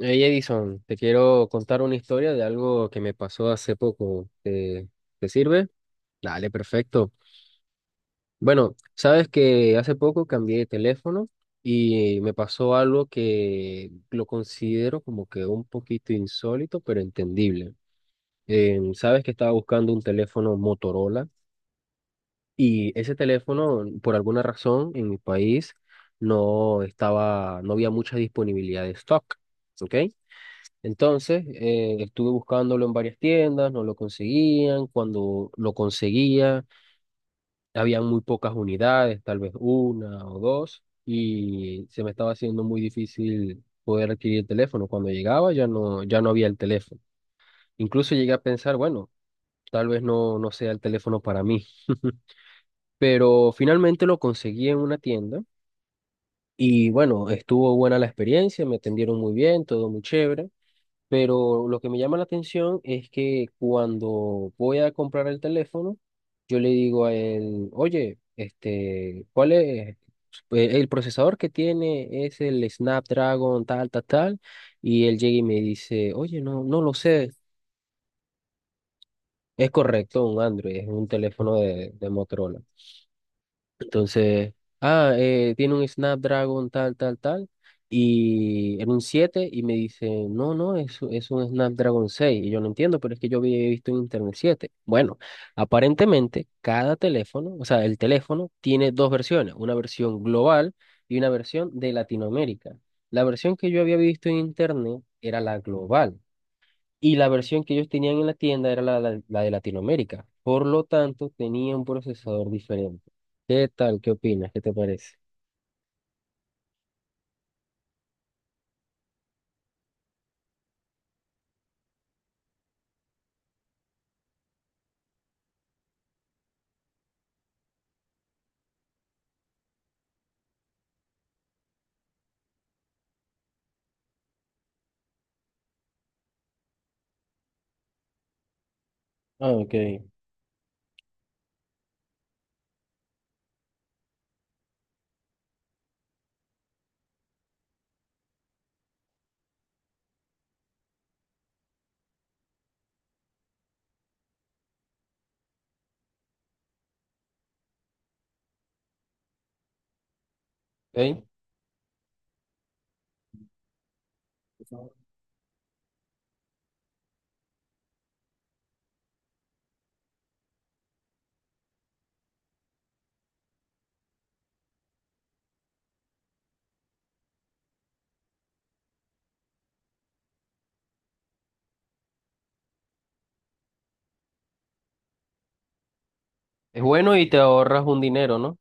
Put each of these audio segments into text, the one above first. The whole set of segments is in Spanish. Hey Edison, te quiero contar una historia de algo que me pasó hace poco. ¿Te sirve? Dale, perfecto. Bueno, sabes que hace poco cambié de teléfono y me pasó algo que lo considero como que un poquito insólito, pero entendible. Sabes que estaba buscando un teléfono Motorola y ese teléfono, por alguna razón, en mi país no estaba, no había mucha disponibilidad de stock, ¿ok? Entonces, estuve buscándolo en varias tiendas, no lo conseguían. Cuando lo conseguía, habían muy pocas unidades, tal vez una o dos, y se me estaba haciendo muy difícil poder adquirir el teléfono. Cuando llegaba ya no había el teléfono. Incluso llegué a pensar, bueno, tal vez no, no sea el teléfono para mí. Pero finalmente lo conseguí en una tienda y bueno, estuvo buena la experiencia, me atendieron muy bien, todo muy chévere. Pero lo que me llama la atención es que cuando voy a comprar el teléfono, yo le digo a él, oye, este, ¿cuál es? Pues, el procesador que tiene es el Snapdragon tal, tal, tal. Y él llega y me dice, oye, no, no lo sé. Es correcto, un Android, es un teléfono de Motorola. Entonces, tiene un Snapdragon tal, tal, tal, y era un 7 y me dice, no, no, es un Snapdragon seis. Y yo no entiendo, pero es que yo había visto en Internet siete. Bueno, aparentemente cada teléfono, o sea, el teléfono tiene dos versiones, una versión global y una versión de Latinoamérica. La versión que yo había visto en Internet era la global. Y la versión que ellos tenían en la tienda era la de Latinoamérica. Por lo tanto, tenía un procesador diferente. ¿Qué tal? ¿Qué opinas? ¿Qué te parece? Ah, ok. Ok. Es bueno y te ahorras un dinero, ¿no?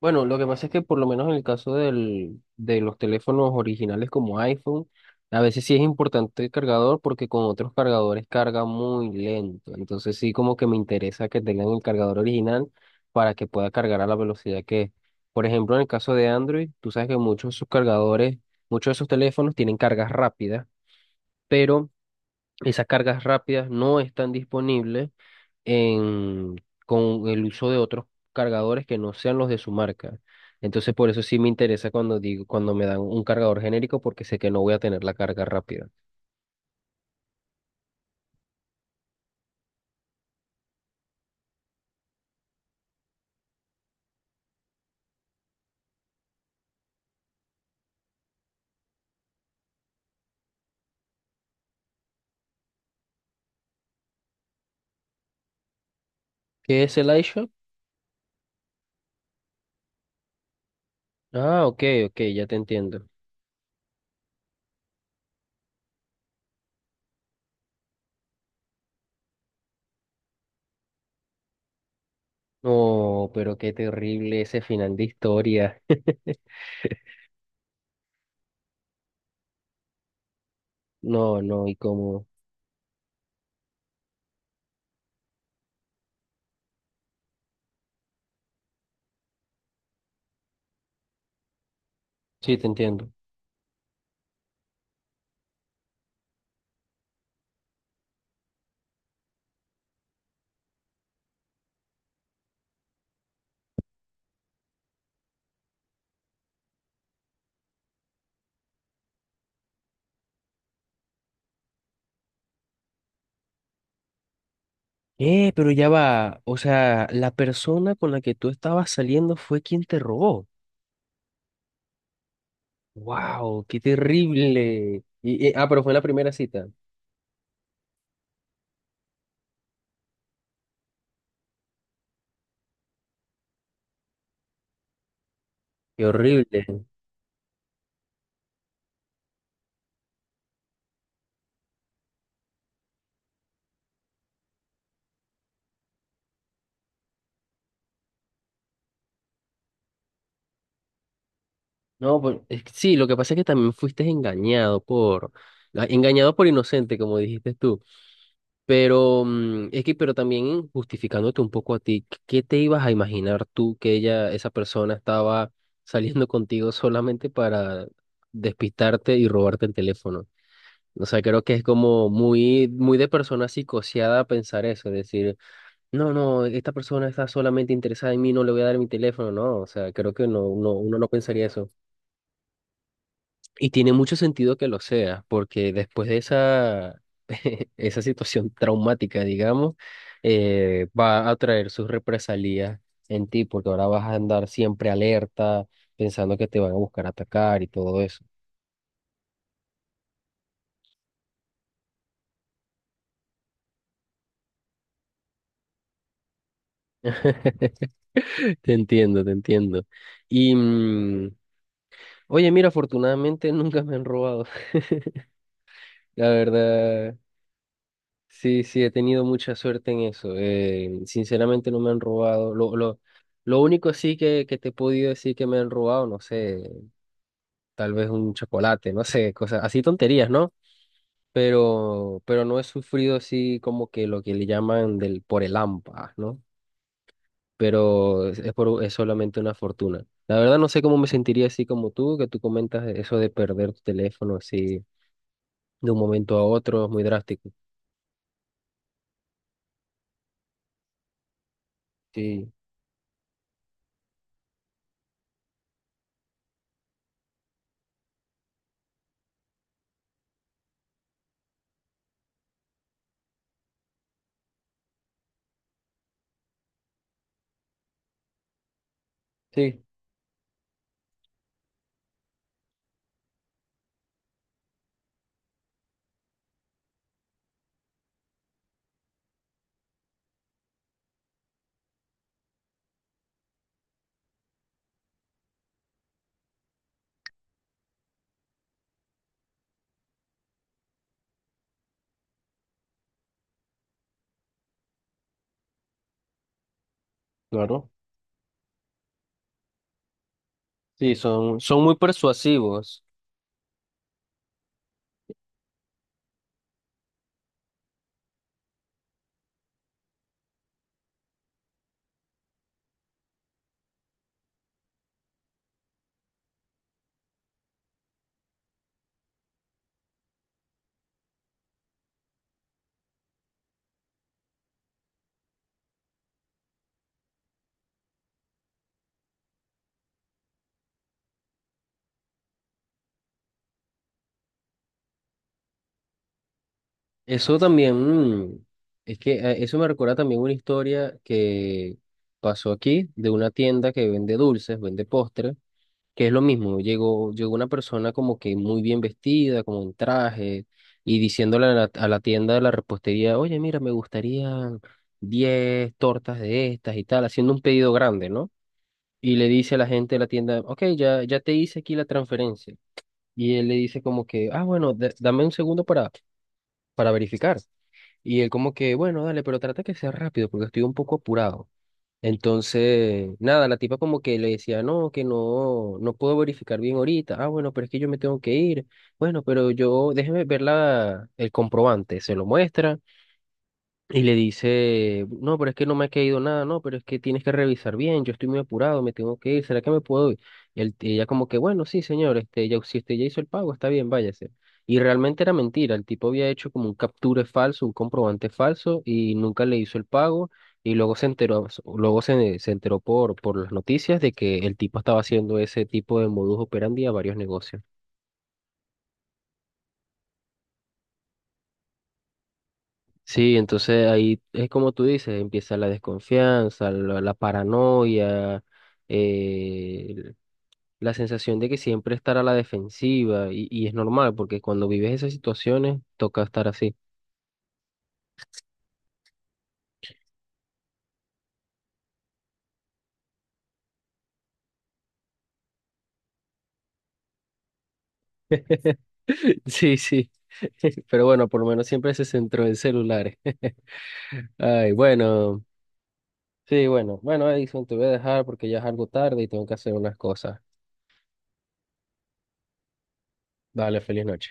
Bueno, lo que pasa es que por lo menos en el caso de los teléfonos originales como iPhone, a veces sí es importante el cargador porque con otros cargadores carga muy lento. Entonces sí como que me interesa que tengan el cargador original para que pueda cargar a la velocidad que es. Por ejemplo, en el caso de Android, tú sabes que muchos de sus cargadores, muchos de esos teléfonos tienen cargas rápidas, pero esas cargas rápidas no están disponibles en, con el uso de otros cargadores que no sean los de su marca. Entonces, por eso sí me interesa cuando me dan un cargador genérico, porque sé que no voy a tener la carga rápida. ¿Qué es el iShop? Ah, ok, ok, ya te entiendo. No, pero qué terrible ese final de historia. No, no, y como... Sí, te entiendo. Pero ya va. O sea, la persona con la que tú estabas saliendo fue quien te robó. Wow, qué terrible. Pero fue en la primera cita. Qué horrible. No, pues es que sí, lo que pasa es que también fuiste engañado por inocente, como dijiste tú. Pero también justificándote un poco a ti, ¿qué te ibas a imaginar tú que ella, esa persona estaba saliendo contigo solamente para despistarte y robarte el teléfono? O sea, creo que es como muy, muy de persona psicoseada pensar eso, es decir, no, no, esta persona está solamente interesada en mí, no le voy a dar mi teléfono, no, o sea, creo que no, no, uno no pensaría eso. Y tiene mucho sentido que lo sea, porque después de esa, esa situación traumática, digamos, va a traer sus represalias en ti, porque ahora vas a andar siempre alerta, pensando que te van a buscar atacar y todo eso. Te entiendo, te entiendo. Y, mm, Oye, mira, afortunadamente nunca me han robado, la verdad. Sí, sí, he tenido mucha suerte en eso. Sinceramente no me han robado. Lo único sí que te he podido decir que me han robado, no sé, tal vez un chocolate, no sé, cosas así tonterías, ¿no? Pero no he sufrido así como que lo que le llaman del por el hampa, ¿no? Pero es solamente una fortuna. La verdad no sé cómo me sentiría así como tú, que tú comentas eso de perder tu teléfono así de un momento a otro, es muy drástico. Sí, sí, claro. Sí, son muy persuasivos. Eso también, mm, es que eso me recuerda también una historia que pasó aquí de una tienda que vende dulces, vende postres, que es lo mismo. Llegó, llegó una persona como que muy bien vestida, como en traje, y diciéndole a la tienda de la repostería, oye, mira, me gustarían 10 tortas de estas y tal, haciendo un pedido grande, ¿no? Y le dice a la gente de la tienda, ok, ya te hice aquí la transferencia. Y él le dice como que, ah, bueno, dame un segundo para verificar. Y él como que, bueno, dale, pero trata que sea rápido porque estoy un poco apurado. Entonces, nada, la tipa como que le decía, no, que no, no puedo verificar bien ahorita. Ah, bueno, pero es que yo me tengo que ir. Bueno, pero yo, déjeme ver el comprobante. Se lo muestra. Y le dice, no, pero es que no me ha caído nada, no, pero es que tienes que revisar bien, yo estoy muy apurado, me tengo que ir, ¿será que me puedo ir? Y ella como que, bueno, sí, señor, este, ya, si usted ya hizo el pago, está bien, váyase. Y realmente era mentira, el tipo había hecho como un capture falso, un comprobante falso, y nunca le hizo el pago, y luego se enteró, por las noticias de que el tipo estaba haciendo ese tipo de modus operandi a varios negocios. Sí, entonces ahí es como tú dices, empieza la desconfianza, la paranoia, eh, la sensación de que siempre estar a la defensiva y es normal porque cuando vives esas situaciones toca estar así. Sí, sí, pero bueno, por lo menos siempre se centró en celulares. Ay, bueno, sí, bueno, bueno, Edison, te voy a dejar porque ya es algo tarde y tengo que hacer unas cosas. Dale, feliz noche.